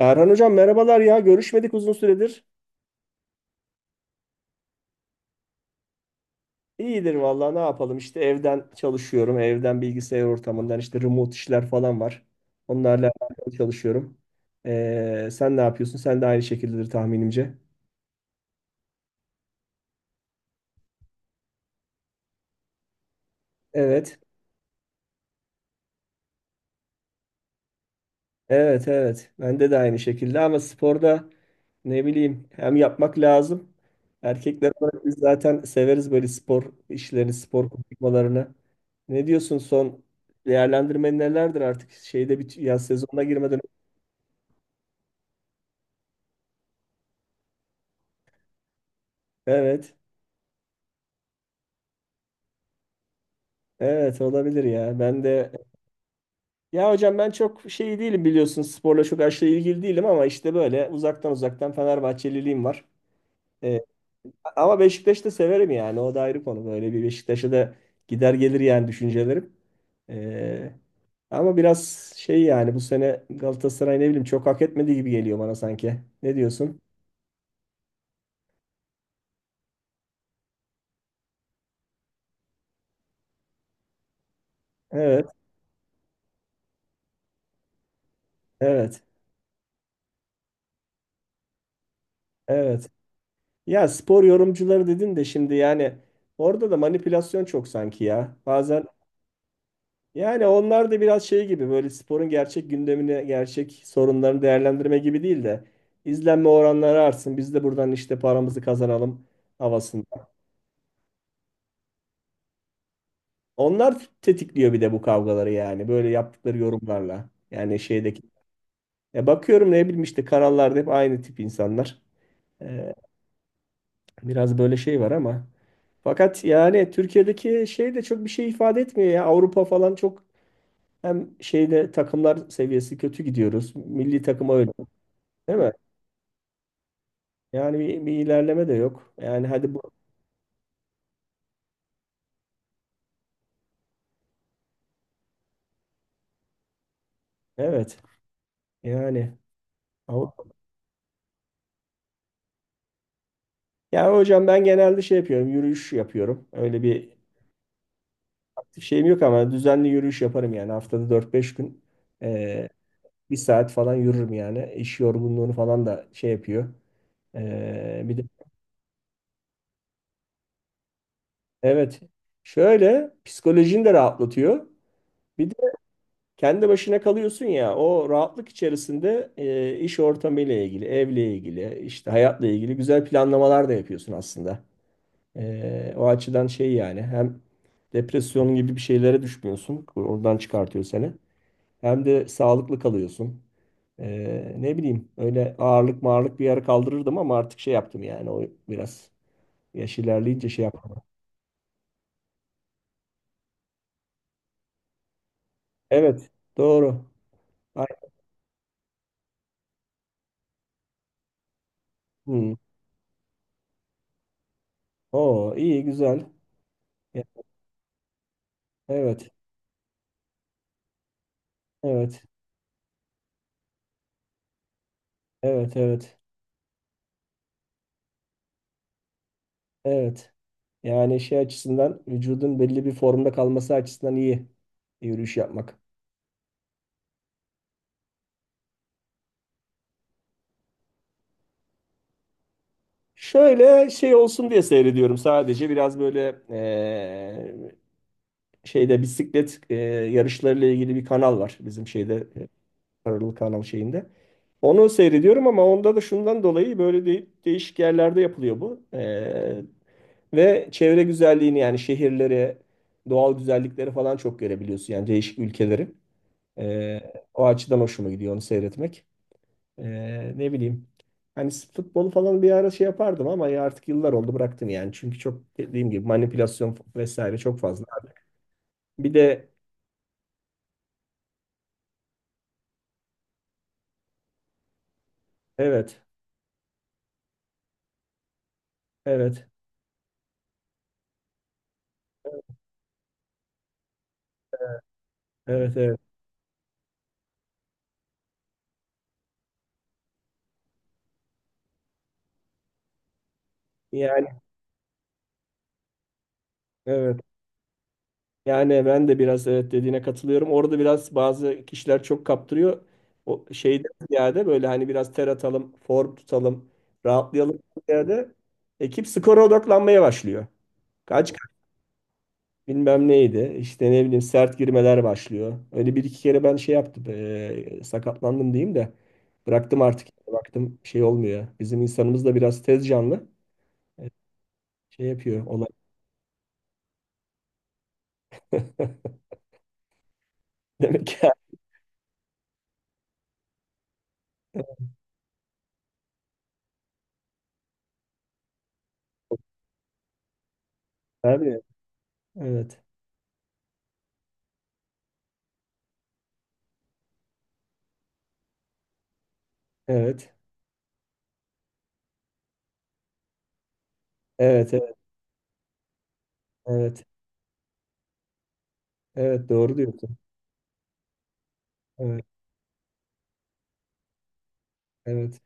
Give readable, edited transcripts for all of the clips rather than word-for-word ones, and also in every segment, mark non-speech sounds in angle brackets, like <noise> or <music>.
Erhan hocam merhabalar ya, görüşmedik uzun süredir. İyidir vallahi, ne yapalım işte, evden çalışıyorum. Evden bilgisayar ortamından işte remote işler falan var. Onlarla alakalı çalışıyorum. Sen ne yapıyorsun? Sen de aynı şekildedir tahminimce. Evet. Evet, evet. Bende de aynı şekilde ama sporda ne bileyim hem yapmak lazım. Erkekler olarak biz zaten severiz böyle spor işlerini, spor konuşmalarını. Ne diyorsun, son değerlendirmen nelerdir artık, şeyde bir yaz sezonuna girmeden? Evet. Evet, olabilir ya. Ben de ya hocam ben çok şey değilim, biliyorsun sporla çok aşırı ilgili değilim ama işte böyle uzaktan uzaktan Fenerbahçeliliğim var. Ee, Ama Beşiktaş'ı da severim yani, o da ayrı konu. Böyle bir Beşiktaş'a da gider gelir yani düşüncelerim. Ee, Ama biraz şey yani, bu sene Galatasaray ne bileyim çok hak etmediği gibi geliyor bana sanki. Ne diyorsun? Evet, evet, evet. Ya spor yorumcuları dedin de şimdi yani orada da manipülasyon çok sanki ya. Bazen yani onlar da biraz şey gibi, böyle sporun gerçek gündemini, gerçek sorunlarını değerlendirme gibi değil de izlenme oranları artsın, biz de buradan işte paramızı kazanalım havasında. Onlar tetikliyor bir de bu kavgaları, yani böyle yaptıkları yorumlarla. Yani şeydeki ya, bakıyorum ne bileyim işte kanallarda hep aynı tip insanlar. Ee, Biraz böyle şey var ama fakat yani Türkiye'deki şey de çok bir şey ifade etmiyor ya. Avrupa falan çok hem şeyde takımlar seviyesi kötü gidiyoruz. Milli takıma öyle, değil mi? Yani bir ilerleme de yok. Yani hadi bu evet. Yani Avrupa. Yani hocam ben genelde şey yapıyorum. Yürüyüş yapıyorum. Öyle bir aktif şeyim yok ama düzenli yürüyüş yaparım yani. Haftada dört beş gün eee, bir saat falan yürürüm yani. İş yorgunluğunu falan da şey yapıyor. Bir de evet. Şöyle psikolojini de rahatlatıyor. Bir de kendi başına kalıyorsun ya, o rahatlık içerisinde iş ortamıyla ilgili, evle ilgili, işte hayatla ilgili güzel planlamalar da yapıyorsun aslında. O açıdan şey yani, hem depresyon gibi bir şeylere düşmüyorsun. Oradan çıkartıyor seni. Hem de sağlıklı kalıyorsun. Ne bileyim öyle ağırlık mağırlık bir yere kaldırırdım ama artık şey yaptım yani, o biraz yaş ilerleyince şey yaptım. Evet, doğru. Ay, hmm. Oo, iyi, güzel. Ya, evet, evet, evet, evet, evet. Yani şey açısından, vücudun belli bir formda kalması açısından iyi yürüyüş yapmak. Şöyle şey olsun diye seyrediyorum sadece, biraz böyle şeyde bisiklet yarışlarıyla ilgili bir kanal var bizim şeyde paralı kanal şeyinde. Onu seyrediyorum ama onda da şundan dolayı, böyle değişik yerlerde yapılıyor bu. Ve çevre güzelliğini yani, şehirleri, doğal güzellikleri falan çok görebiliyorsun yani, değişik ülkeleri. O açıdan hoşuma gidiyor onu seyretmek. Ne bileyim. Hani futbolu falan bir ara şey yapardım ama ya artık yıllar oldu, bıraktım yani. Çünkü çok, dediğim gibi, manipülasyon vesaire çok fazla. Bir de evet, evet, evet, evet. Yani evet. Yani ben de biraz evet, dediğine katılıyorum. Orada biraz bazı kişiler çok kaptırıyor. O şeyden ziyade böyle hani biraz ter atalım, form tutalım, rahatlayalım ziyade, ekip skora odaklanmaya başlıyor. Kaç bilmem neydi. İşte ne bileyim sert girmeler başlıyor. Öyle bir iki kere ben şey yaptım. Sakatlandım diyeyim de. Bıraktım artık yani. Baktım şey olmuyor. Bizim insanımız da biraz tez canlı. E, Şey yapıyor olay. <laughs> Demek ki abi. Evet. Evet. Evet. Evet. Evet. Evet. Doğru diyorsun. Evet. Evet.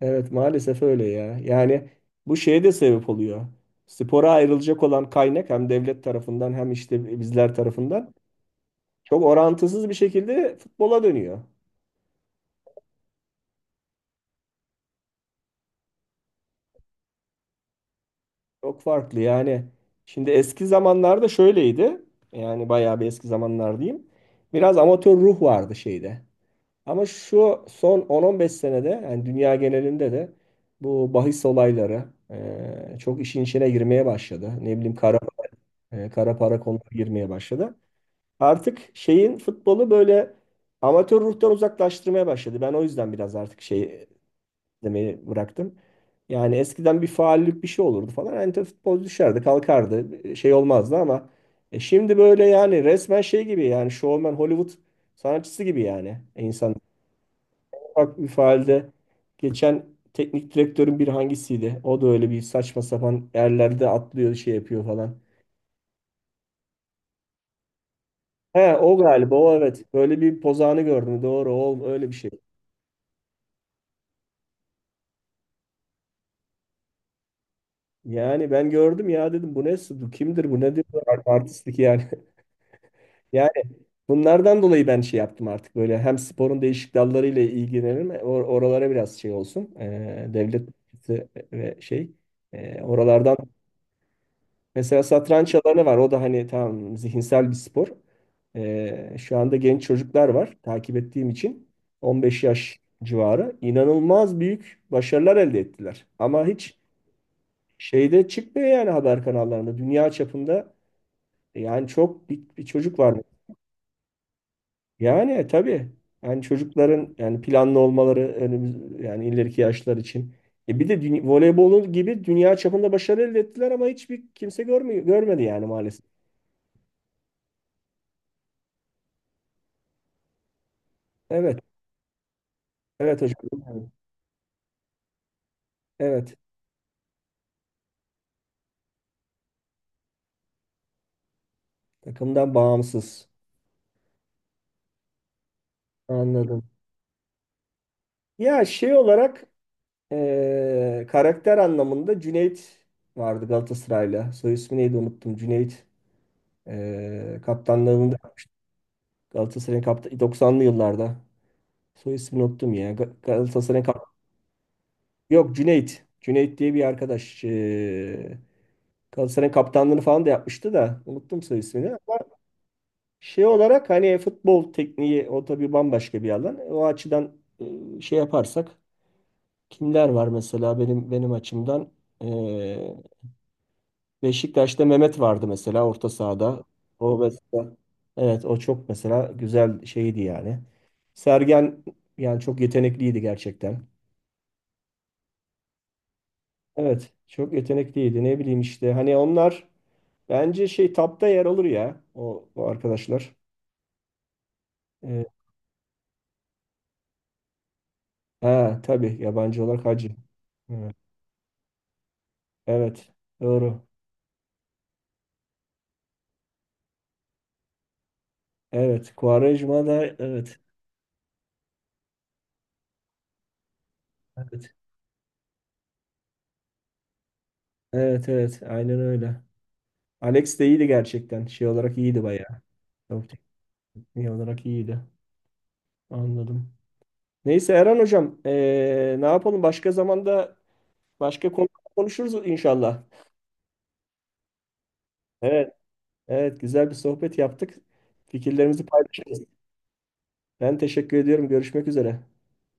Evet. Maalesef öyle ya. Yani bu şeye de sebep oluyor. Spora ayrılacak olan kaynak hem devlet tarafından hem işte bizler tarafından çok orantısız bir şekilde futbola dönüyor. Çok farklı yani. Şimdi eski zamanlarda şöyleydi. Yani bayağı bir eski zamanlar diyeyim. Biraz amatör ruh vardı şeyde. Ama şu son 10-15 senede yani dünya genelinde de bu bahis olayları çok işin içine girmeye başladı. Ne bileyim kara, kara para konuları girmeye başladı. Artık şeyin futbolu böyle amatör ruhtan uzaklaştırmaya başladı. Ben o yüzden biraz artık şey demeyi bıraktım. Yani eskiden bir faullik bir şey olurdu falan. Anita futbolcu düşerdi, kalkardı. Şey olmazdı ama şimdi böyle yani resmen şey gibi yani, showman Hollywood sanatçısı gibi yani insan. Ufak bir faalde geçen teknik direktörün, bir hangisiydi? O da öyle bir saçma sapan yerlerde atlıyor şey yapıyor falan. He o galiba o, evet. Böyle bir pozağını gördüm. Doğru, o öyle bir şey. Yani ben gördüm ya, dedim bu ne, kimdir bu, nedir bu artistlik yani. <laughs> Bunlardan dolayı ben şey yaptım artık, böyle hem sporun değişik dallarıyla ilgilenirim oralara biraz şey olsun. Devlet bütçesi ve şey oralardan mesela satranç alanı var, o da hani tamam zihinsel bir spor. Şu anda genç çocuklar var, takip ettiğim için, 15 yaş civarı inanılmaz büyük başarılar elde ettiler ama hiç şeyde çıkmıyor yani, haber kanallarında dünya çapında. Yani çok bir çocuk var. Yani tabii yani çocukların yani planlı olmaları önümüz yani ileriki yaşlar için. E bir de dünya voleybolu gibi dünya çapında başarı elde ettiler ama hiçbir kimse görmüyor, görmedi yani maalesef. Evet, evet hocam. Evet, takımdan bağımsız. Anladım. Ya şey olarak karakter anlamında Cüneyt vardı Galatasaray'la. Soy ismi neydi, unuttum. Cüneyt kaptanlığını da yapmış. Galatasaray'ın kapta, 90'lı yıllarda. Soy ismini unuttum ya. Galatasaray'ın. Yok Cüneyt. Cüneyt diye bir arkadaş. Galatasaray'ın kaptanlığını falan da yapmıştı da. Unuttum soy ismini. Ama şey olarak hani futbol tekniği o tabii bambaşka bir alan. O açıdan şey yaparsak kimler var mesela benim açımdan. Ee, Beşiktaş'ta Mehmet vardı mesela orta sahada. O mesela, evet o çok mesela güzel şeydi yani. Sergen yani çok yetenekliydi gerçekten. Evet çok yetenekliydi, ne bileyim işte hani onlar. Bence şey tapta yer alır ya o, o arkadaşlar. Ee, ha tabii yabancı olarak Hacı. Hı, evet doğru. Evet Quaresma da, evet. Evet. Evet, evet, aynen öyle. Alex de iyiydi gerçekten. Şey olarak iyiydi bayağı. Çok tekniği olarak iyiydi. Anladım. Neyse Erhan hocam ne yapalım, başka zamanda başka konu konuşuruz inşallah. Evet, evet, güzel bir sohbet yaptık. Fikirlerimizi paylaşırız. Ben teşekkür ediyorum. Görüşmek üzere.